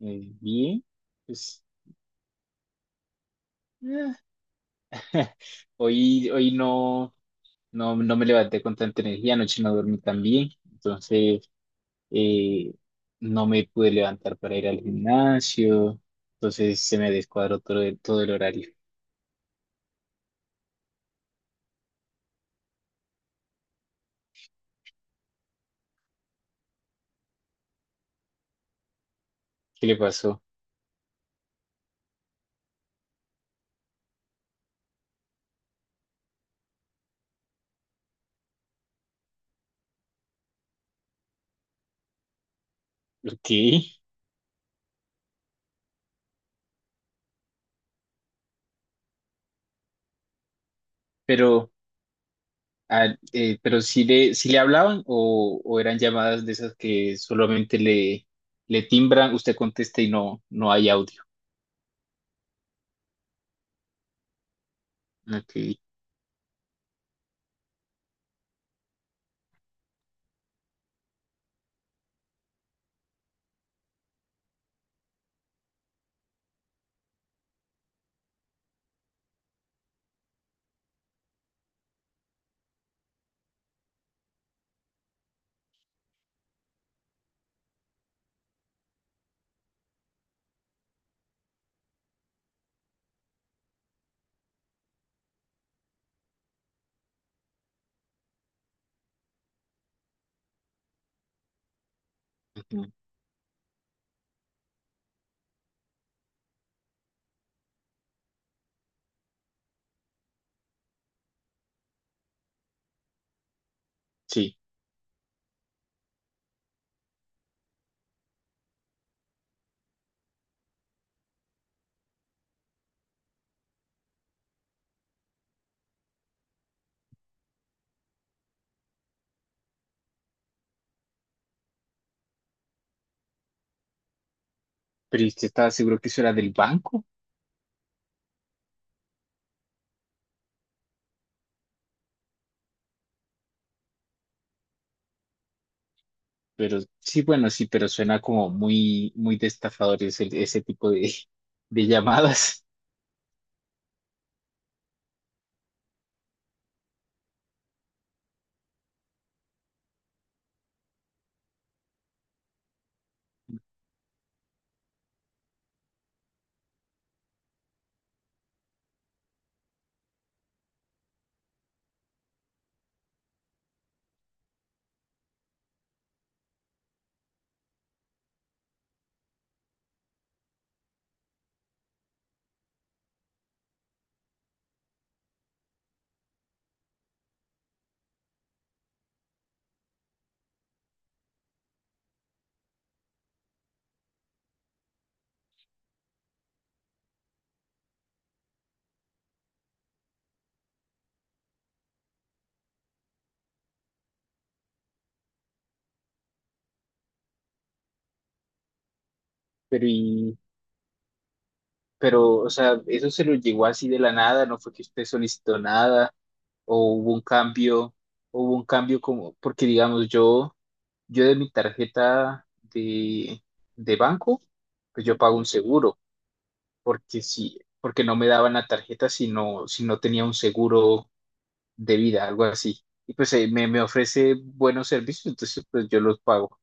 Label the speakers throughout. Speaker 1: Bien, pues eh, hoy no, no me levanté con tanta energía, anoche no dormí tan bien, entonces eh, no me pude levantar para ir al gimnasio, entonces se me descuadró todo el horario. ¿Qué le pasó? Ok, pero, ah, pero si le hablaban o eran llamadas de esas que solamente le, le timbran, usted contesta y no, no hay audio. Ok, ujú, sí. Pero yo estaba seguro que eso era del banco. Pero sí, bueno, sí, pero suena como muy, muy de estafadores ese tipo de llamadas. Pero, y, pero, o sea, eso se lo llegó así de la nada, no fue que usted solicitó nada, o hubo un cambio, o hubo un cambio como, porque digamos, yo de mi tarjeta de, de banco, pues yo pago un seguro, porque si, porque no me daban la tarjeta si no, si no tenía un seguro de vida, algo así. Y pues me, me ofrece buenos servicios, entonces pues yo los pago.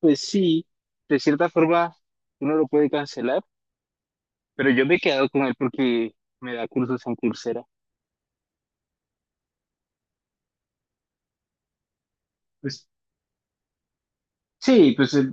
Speaker 1: Pues sí, de cierta forma uno lo puede cancelar, pero yo me he quedado con él porque me da cursos en Coursera. Pues sí, pues eh,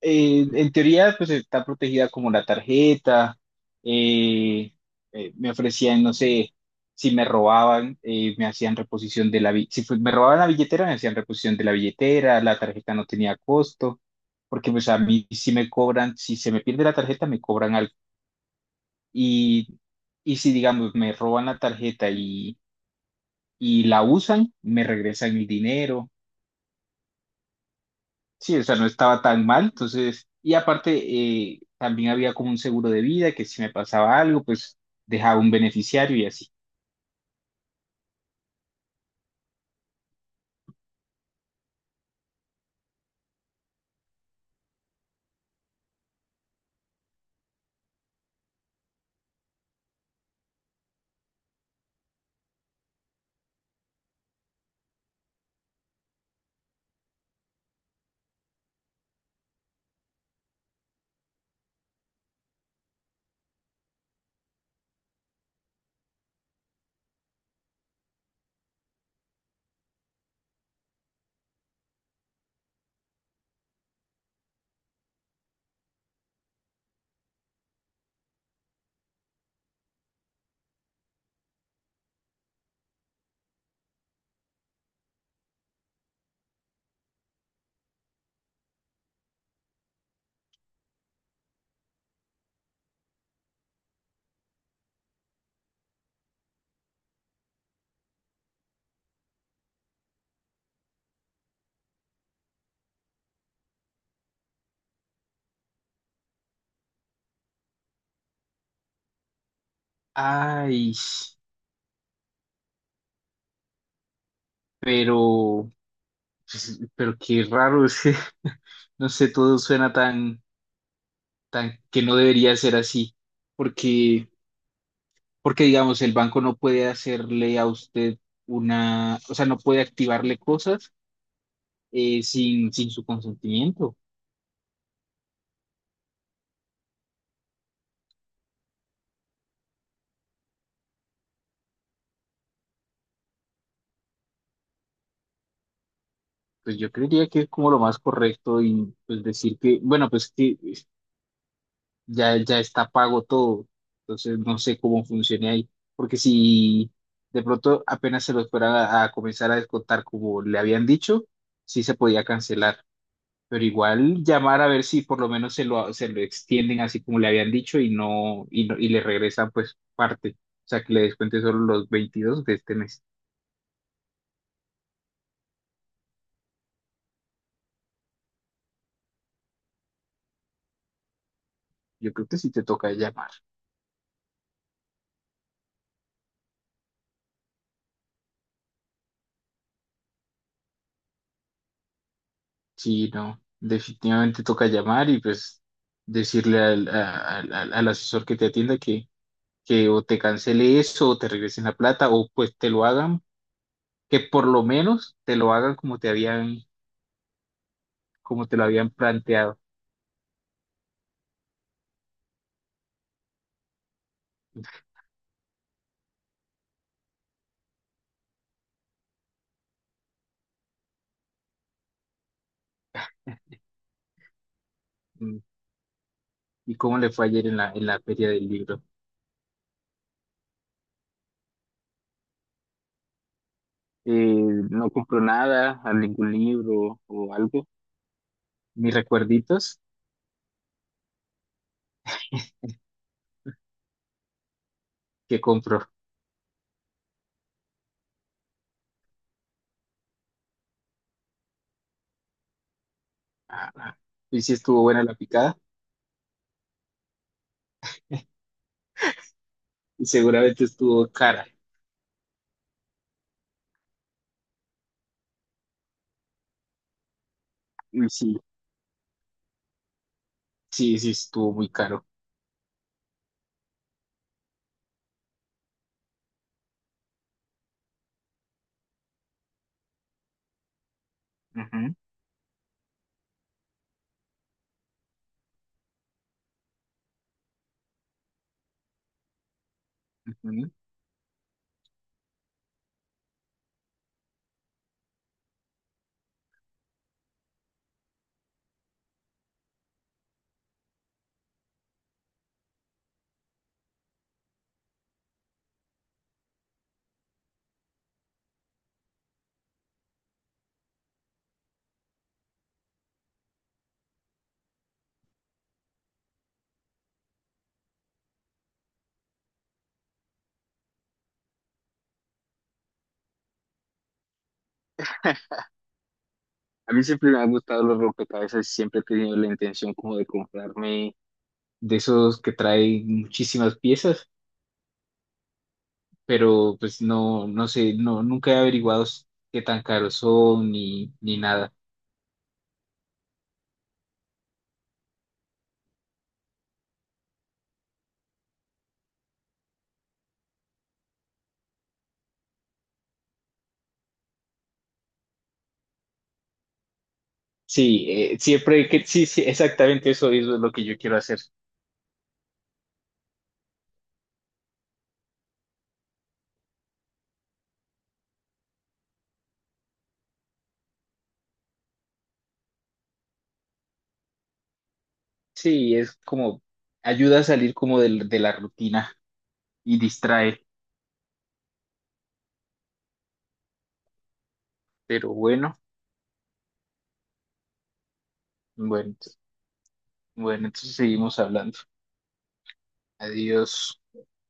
Speaker 1: eh, en teoría, pues está protegida como la tarjeta. eh, me ofrecían, no sé, si me robaban, me hacían reposición de la billetera. Si fue- Me robaban la billetera, me hacían reposición de la billetera. La tarjeta no tenía costo, porque pues a mí si me cobran, si se me pierde la tarjeta, me cobran algo. Y, y si, digamos, me roban la tarjeta y la usan, me regresan el dinero. Sí, o sea, no estaba tan mal, entonces, y aparte, también había como un seguro de vida que si me pasaba algo, pues dejaba un beneficiario y así. Ay, pero, pues, pero qué raro, es que, no sé, todo suena tan, tan que no debería ser así, porque, porque digamos, el banco no puede hacerle a usted una, o sea, no puede activarle cosas sin, sin su consentimiento. Pues yo creería que es como lo más correcto y pues decir que, bueno, pues que ya, ya está pago todo, entonces no sé cómo funciona ahí, porque si de pronto apenas se los fueran a comenzar a descontar como le habían dicho, sí se podía cancelar, pero igual llamar a ver si por lo menos se lo extienden así como le habían dicho y no, y no, y le regresan pues parte, o sea que le descuente solo los 22 de este mes. Yo creo que sí te toca llamar. Sí, no, definitivamente toca llamar y pues decirle al, al asesor que te atienda que o te cancele eso o te regresen la plata o pues te lo hagan, que por lo menos te lo hagan como te habían, como te lo habían planteado. Mm, ¿y cómo le fue ayer en la feria del libro? Eh, ¿No compró nada, a ningún libro o algo, mis recuerditos que compró? Ah, ah. ¿Y sí estuvo buena la picada y seguramente estuvo cara? Y sí, sí, sí estuvo muy caro. Ujú, ujú. A mí siempre me han gustado los rompecabezas y siempre he tenido la intención como de comprarme de esos que traen muchísimas piezas, pero pues no, no sé, no, nunca he averiguado qué tan caros son ni, ni nada. Sí, siempre que, sí, sí, exactamente eso es lo que yo quiero hacer. Sí, es como ayuda a salir de, la rutina y distrae, pero bueno, bueno, ent- bueno, entonces seguimos hablando. Adiós.